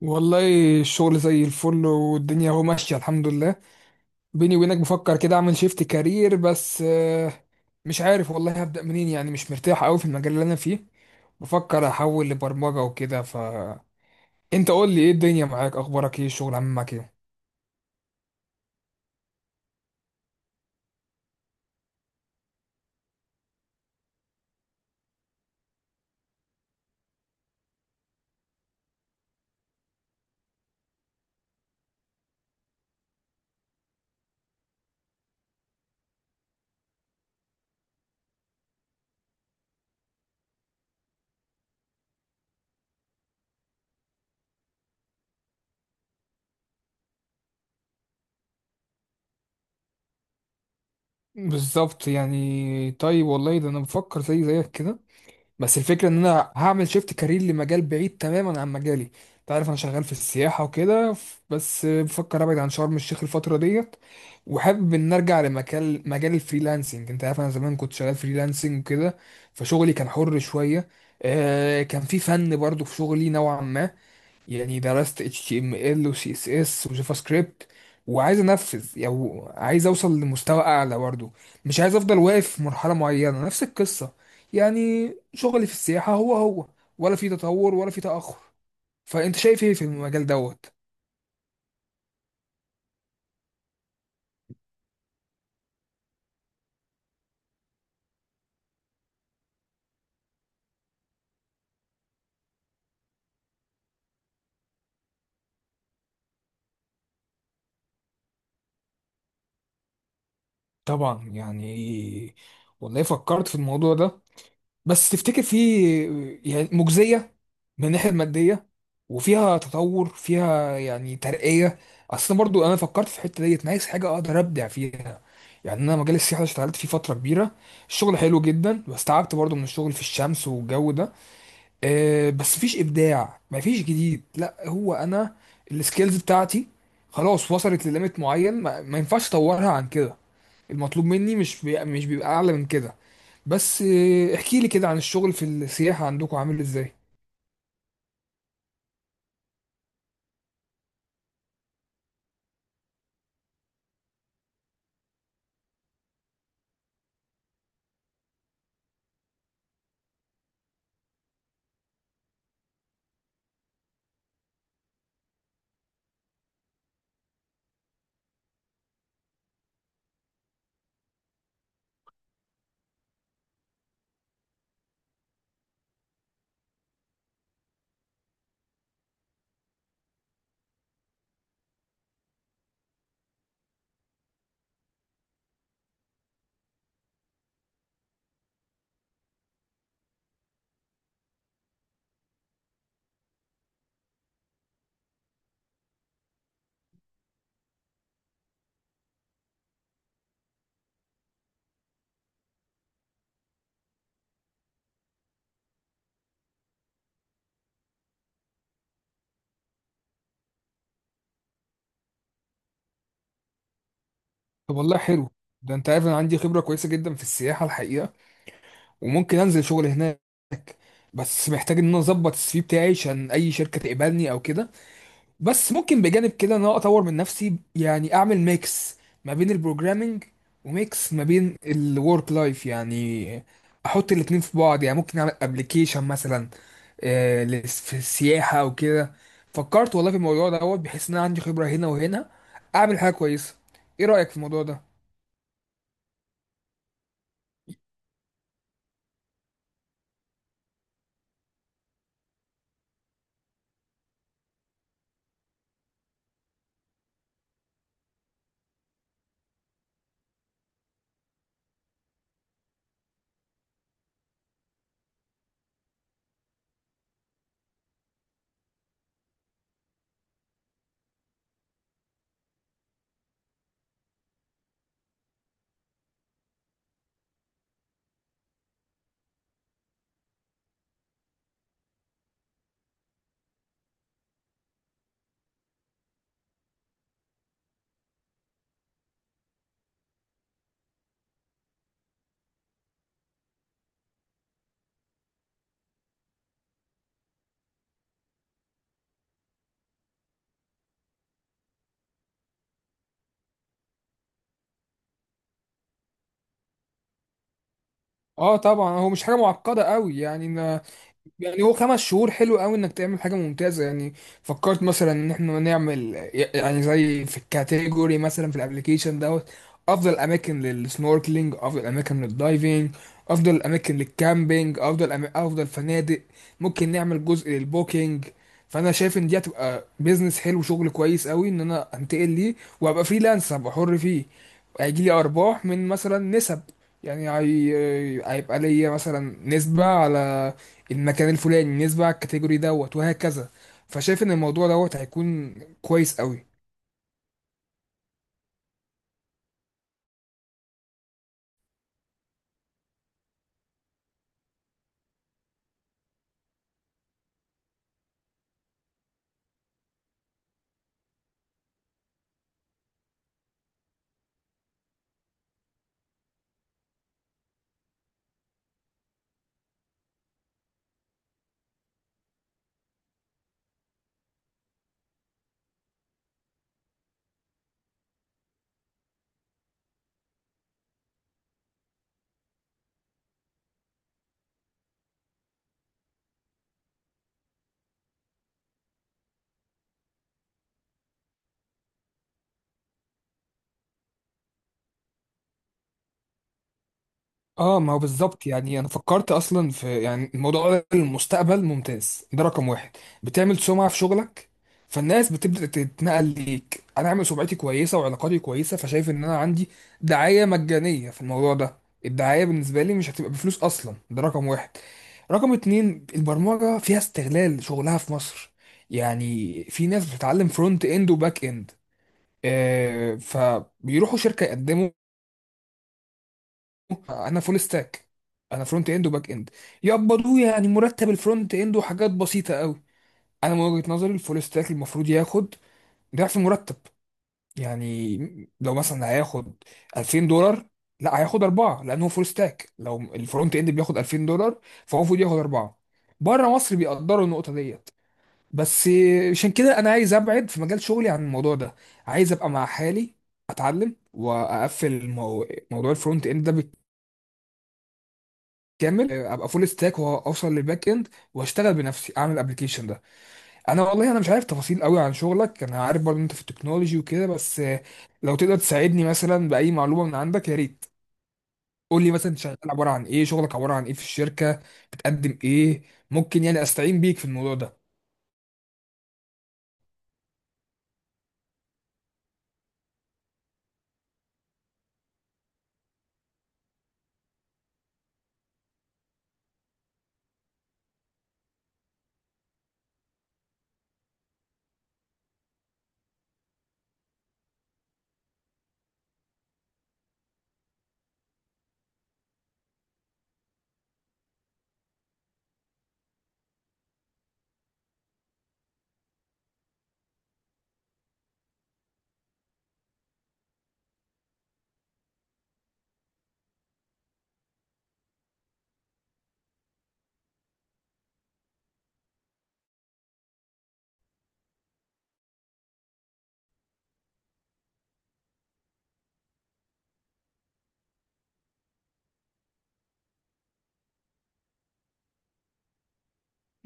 والله الشغل زي الفل والدنيا اهو ماشية الحمد لله. بيني وبينك بفكر كده اعمل شيفت كارير، بس مش عارف والله هبدأ منين، يعني مش مرتاح قوي في المجال اللي انا فيه. بفكر احول لبرمجة وكده. انت قول لي ايه الدنيا معاك، اخبارك ايه، الشغل عامل معاك ايه؟ بالظبط يعني. طيب والله ده انا بفكر زي زيك كده، بس الفكرة ان انا هعمل شيفت كارير لمجال بعيد تماما عن مجالي. انت عارف انا شغال في السياحة وكده، بس بفكر ابعد عن شرم الشيخ الفترة ديت، وحابب ان ارجع لمجال مجال الفريلانسنج. انت عارف انا زمان كنت شغال فريلانسنج وكده، فشغلي كان حر شوية. كان في فن برضو في شغلي نوعا ما. يعني درست HTML و CSS وجافا سكريبت، وعايز انفذ، يعني عايز اوصل لمستوى اعلى برضه. مش عايز افضل واقف في مرحلة معينة، نفس القصة. يعني شغلي في السياحة هو هو، ولا في تطور ولا في تأخر. فانت شايف ايه في المجال دوت؟ طبعا يعني. والله فكرت في الموضوع ده، بس تفتكر في، يعني مجزية من الناحية المادية، وفيها تطور، فيها يعني ترقية؟ أصل برضو أنا فكرت في الحتة ديت، أنا عايز حاجة أقدر أبدع فيها. يعني أنا مجال السياحة اللي اشتغلت فيه فترة كبيرة، الشغل حلو جدا، بس تعبت برضو من الشغل في الشمس والجو ده. أه بس مفيش إبداع، مفيش جديد. لا هو أنا السكيلز بتاعتي خلاص وصلت لليميت معين، ما ينفعش أطورها عن كده. المطلوب مني مش مش بيبقى اعلى من كده. بس احكي لي كده عن الشغل في السياحة عندكم عامل ازاي؟ طب والله حلو. ده انت عارف انا عندي خبرة كويسة جدا في السياحة الحقيقة، وممكن انزل شغل هناك، بس محتاج ان انا اظبط السي في بتاعي عشان اي شركة تقبلني او كده. بس ممكن بجانب كده ان انا اطور من نفسي، يعني اعمل ميكس ما بين البروجرامينج، وميكس ما بين الورك لايف، يعني احط الاتنين في بعض، يعني ممكن اعمل ابلكيشن مثلا في السياحة او كده. فكرت والله في الموضوع دوت، بحيث ان انا عندي خبرة هنا وهنا اعمل حاجة كويسة. ايه رأيك في الموضوع ده؟ اه طبعا، هو مش حاجة معقدة قوي يعني. يعني هو 5 شهور حلو قوي انك تعمل حاجه ممتازه يعني. فكرت مثلا ان احنا نعمل، يعني زي في الكاتيجوري مثلا في الابليكيشن دوت: افضل اماكن للسنوركلينج، افضل اماكن للدايفنج، افضل اماكن للكامبينج، افضل افضل فنادق. ممكن نعمل جزء للبوكينج. فانا شايف ان دي هتبقى بيزنس حلو، شغل كويس قوي ان انا انتقل ليه وابقى فريلانس، هبقى حر فيه. هيجي لي ارباح من مثلا نسب، يعني هيبقى ليا مثلا نسبه على المكان الفلاني، نسبة على الكاتيجوري دوت، وهكذا. فشايف ان الموضوع دوت هيكون كويس قوي. اه ما هو بالظبط يعني. انا فكرت اصلا في، يعني الموضوع ده المستقبل ممتاز. ده رقم واحد: بتعمل سمعة في شغلك، فالناس بتبدأ تتنقل ليك. انا عامل سمعتي كويسة وعلاقاتي كويسة، فشايف ان انا عندي دعاية مجانية في الموضوع ده. الدعاية بالنسبة لي مش هتبقى بفلوس اصلا، ده رقم واحد. رقم اتنين: البرمجة فيها استغلال شغلها في مصر. يعني في ناس بتتعلم فرونت اند وباك اند، فبيروحوا شركة يقدموا انا فول ستاك، انا فرونت اند وباك اند، يقبضوه يعني مرتب الفرونت اند وحاجات بسيطه قوي. انا من وجهه نظري الفول ستاك المفروض ياخد ضعف مرتب يعني. لو مثلا هياخد 2000 دولار، لا هياخد أربعة، لأن هو فول ستاك. لو الفرونت إند بياخد 2000 دولار، فهو المفروض ياخد أربعة. بره مصر بيقدروا النقطة ديت. بس عشان كده أنا عايز أبعد في مجال شغلي عن الموضوع ده. عايز أبقى مع حالي، أتعلم وأقفل موضوع الفرونت إند ده كامل، ابقى فول ستاك واوصل للباك اند، واشتغل بنفسي اعمل الابلكيشن ده. انا والله انا مش عارف تفاصيل قوي عن شغلك. انا عارف برضه انت في التكنولوجي وكده، بس لو تقدر تساعدني مثلا باي معلومه من عندك يا ريت. قول لي مثلا أنت شغال عباره عن ايه، شغلك عباره عن ايه في الشركه، بتقدم ايه؟ ممكن يعني استعين بيك في الموضوع ده.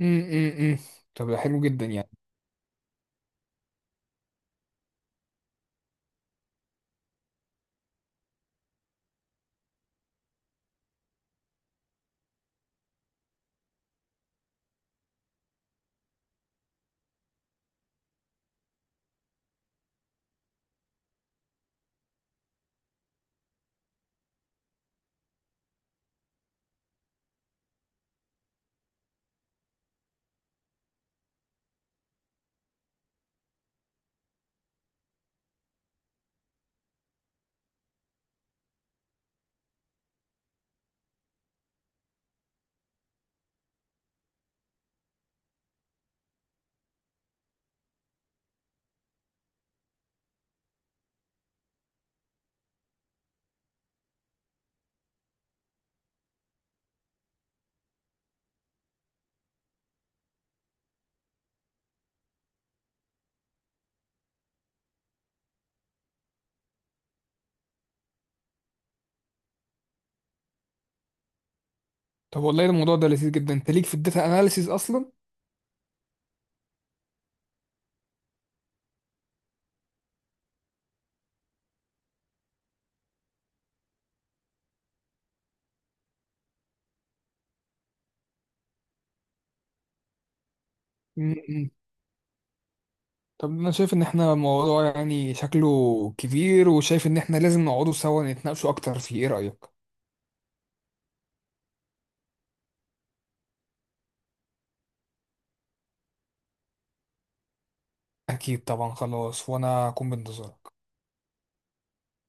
امم طب ده حلو جدا يعني. طب والله الموضوع ده لذيذ جدا. انت ليك في الداتا اناليسيز اصلا؟ طب انا شايف ان احنا موضوع يعني شكله كبير، وشايف ان احنا لازم نقعدوا سوا نتناقشوا اكتر فيه. ايه رأيك؟ اكيد طبعا، خلاص وانا اكون بانتظارك.